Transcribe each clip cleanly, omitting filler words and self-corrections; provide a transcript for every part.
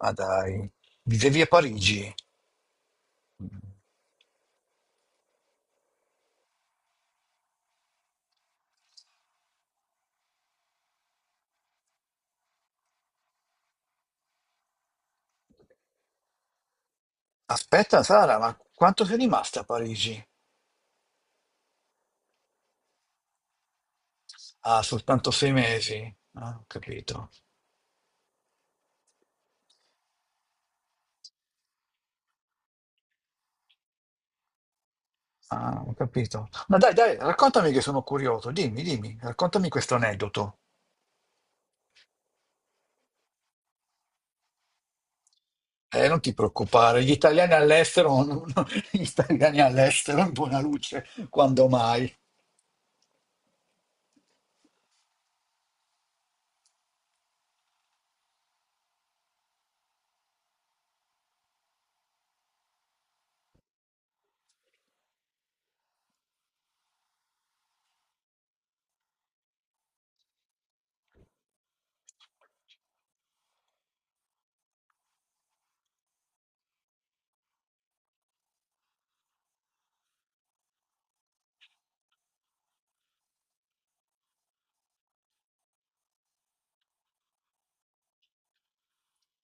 Ma dai, vivevi a Parigi. Aspetta, Sara, ma quanto sei rimasta a Parigi? Ah, soltanto 6 mesi. Ah, ho capito. Ah, ho capito. Ma dai, dai, raccontami che sono curioso. Dimmi, dimmi, raccontami questo aneddoto. Non ti preoccupare, gli italiani all'estero, gli italiani all'estero in buona luce, quando mai?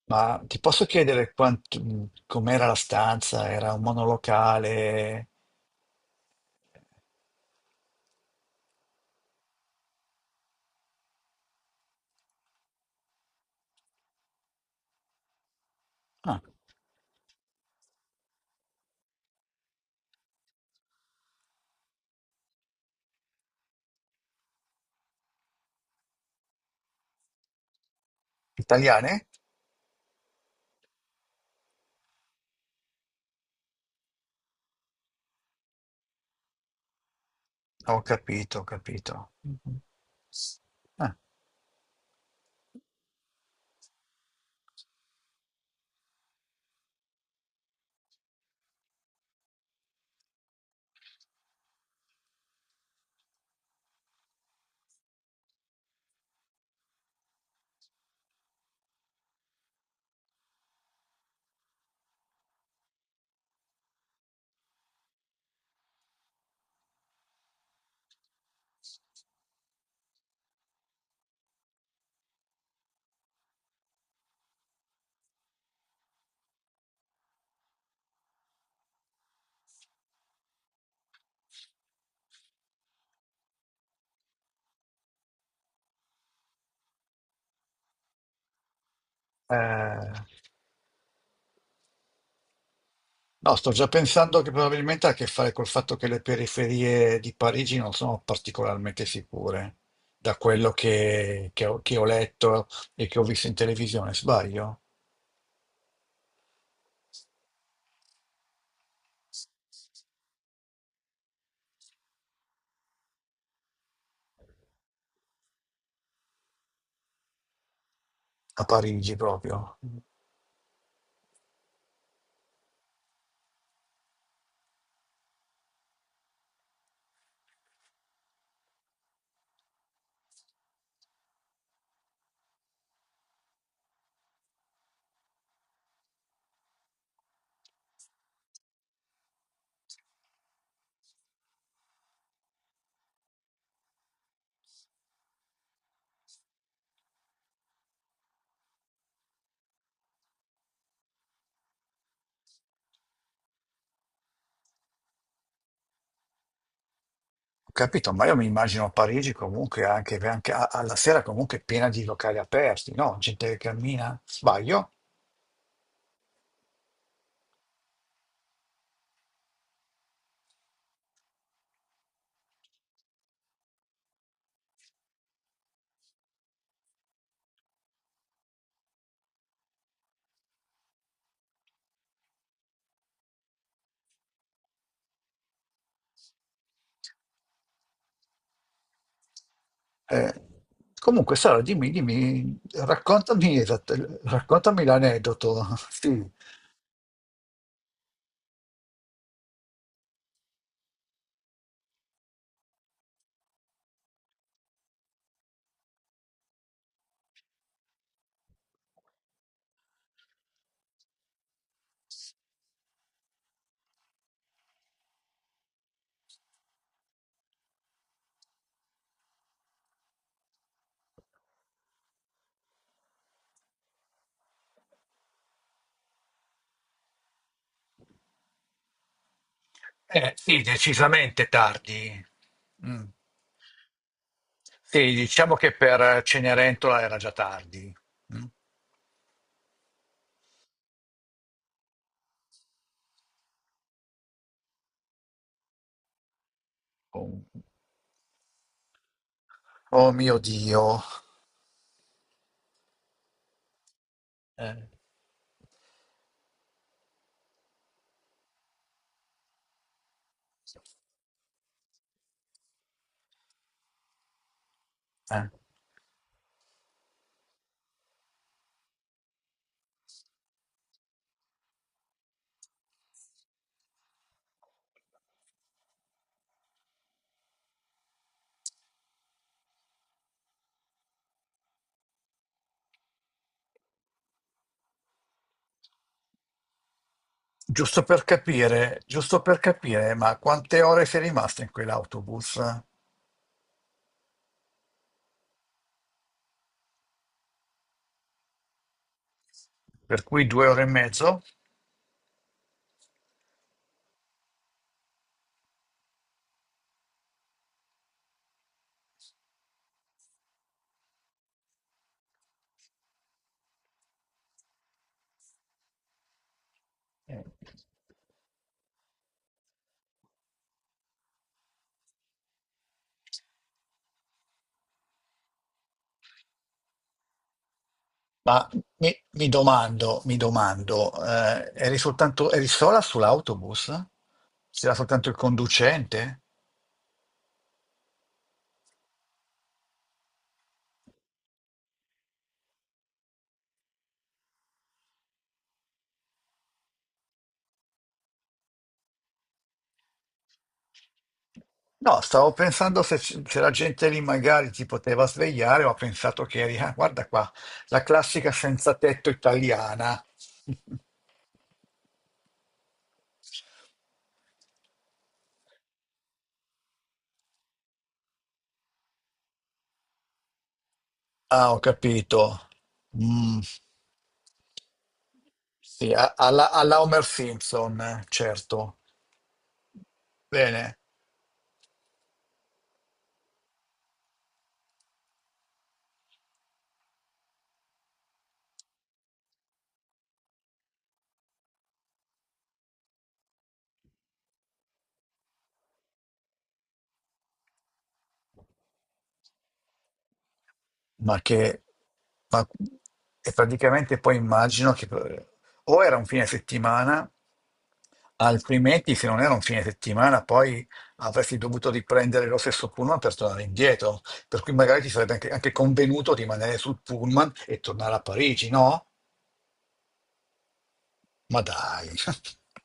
Ma ti posso chiedere com'era la stanza? Era un monolocale? Ah, italiane? Ho capito, ho capito. Ah, eh, no, sto già pensando che probabilmente ha a che fare col fatto che le periferie di Parigi non sono particolarmente sicure, da quello che ho letto e che ho visto in televisione, sbaglio? A Parigi proprio. Ho capito, ma io mi immagino Parigi comunque anche alla sera comunque piena di locali aperti, no? Gente che cammina, sbaglio? Eh, Comunque Sara, dimmi, dimmi, raccontami, raccontami l'aneddoto. Sì. Sì, decisamente tardi. Mm. Sì, diciamo che per Cenerentola era già tardi. Mm. Oh, oh mio Dio. Eh, eh. Giusto per capire, ma quante ore sei rimasta in quell'autobus? Per cui 2 ore e mezzo? Eh. Ma mi domando, mi domando, eri soltanto, eri sola sull'autobus? C'era soltanto il conducente? No, stavo pensando se, se la gente lì magari ti poteva svegliare, ho pensato che eri, ah, guarda qua, la classica senza tetto italiana. Ah, ho capito. Mm, sì, alla, alla Homer Simpson, certo. Bene, ma che... ma- e praticamente poi immagino che o era un fine settimana. Altrimenti, se non era un fine settimana, poi avresti dovuto riprendere lo stesso pullman per tornare indietro. Per cui magari ti sarebbe anche, anche convenuto di rimanere sul pullman e tornare a Parigi, no? Ma dai,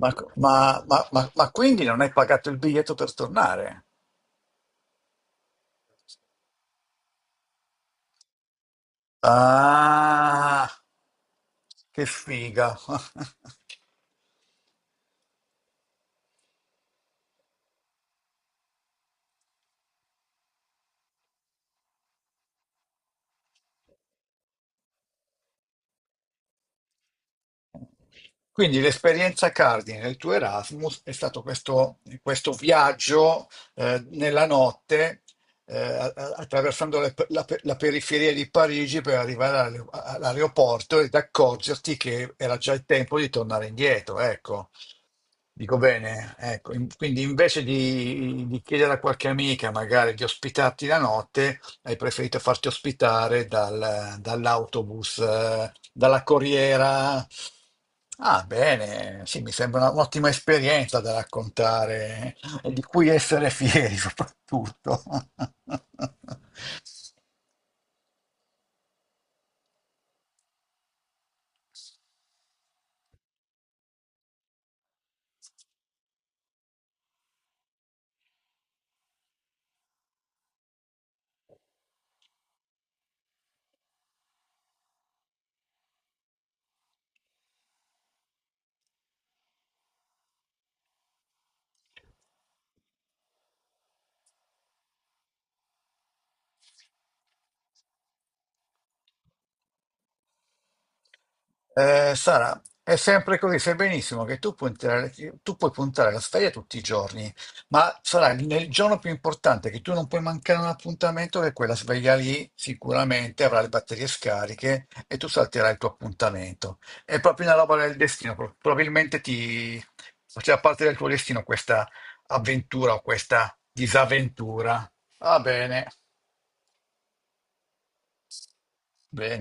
ma quindi non hai pagato il biglietto per tornare? Ah, che figa! Quindi l'esperienza cardine del tuo Erasmus è stato questo, questo viaggio nella notte attraversando la periferia di Parigi per arrivare all'aeroporto ed accorgerti che era già il tempo di tornare indietro, ecco. Dico bene, ecco, quindi invece di, chiedere a qualche amica magari di ospitarti la notte, hai preferito farti ospitare dall'autobus, dalla corriera. Ah, bene, sì, mi sembra un'ottima esperienza da raccontare e di cui essere fieri soprattutto. Sara, è sempre così, sai benissimo che tu puoi puntare la sveglia tutti i giorni, ma sarà nel giorno più importante che tu non puoi mancare un appuntamento, che quella sveglia lì sicuramente avrà le batterie scariche e tu salterai il tuo appuntamento. È proprio una roba del destino, probabilmente ti faceva parte del tuo destino questa avventura o questa disavventura. Va bene, bene.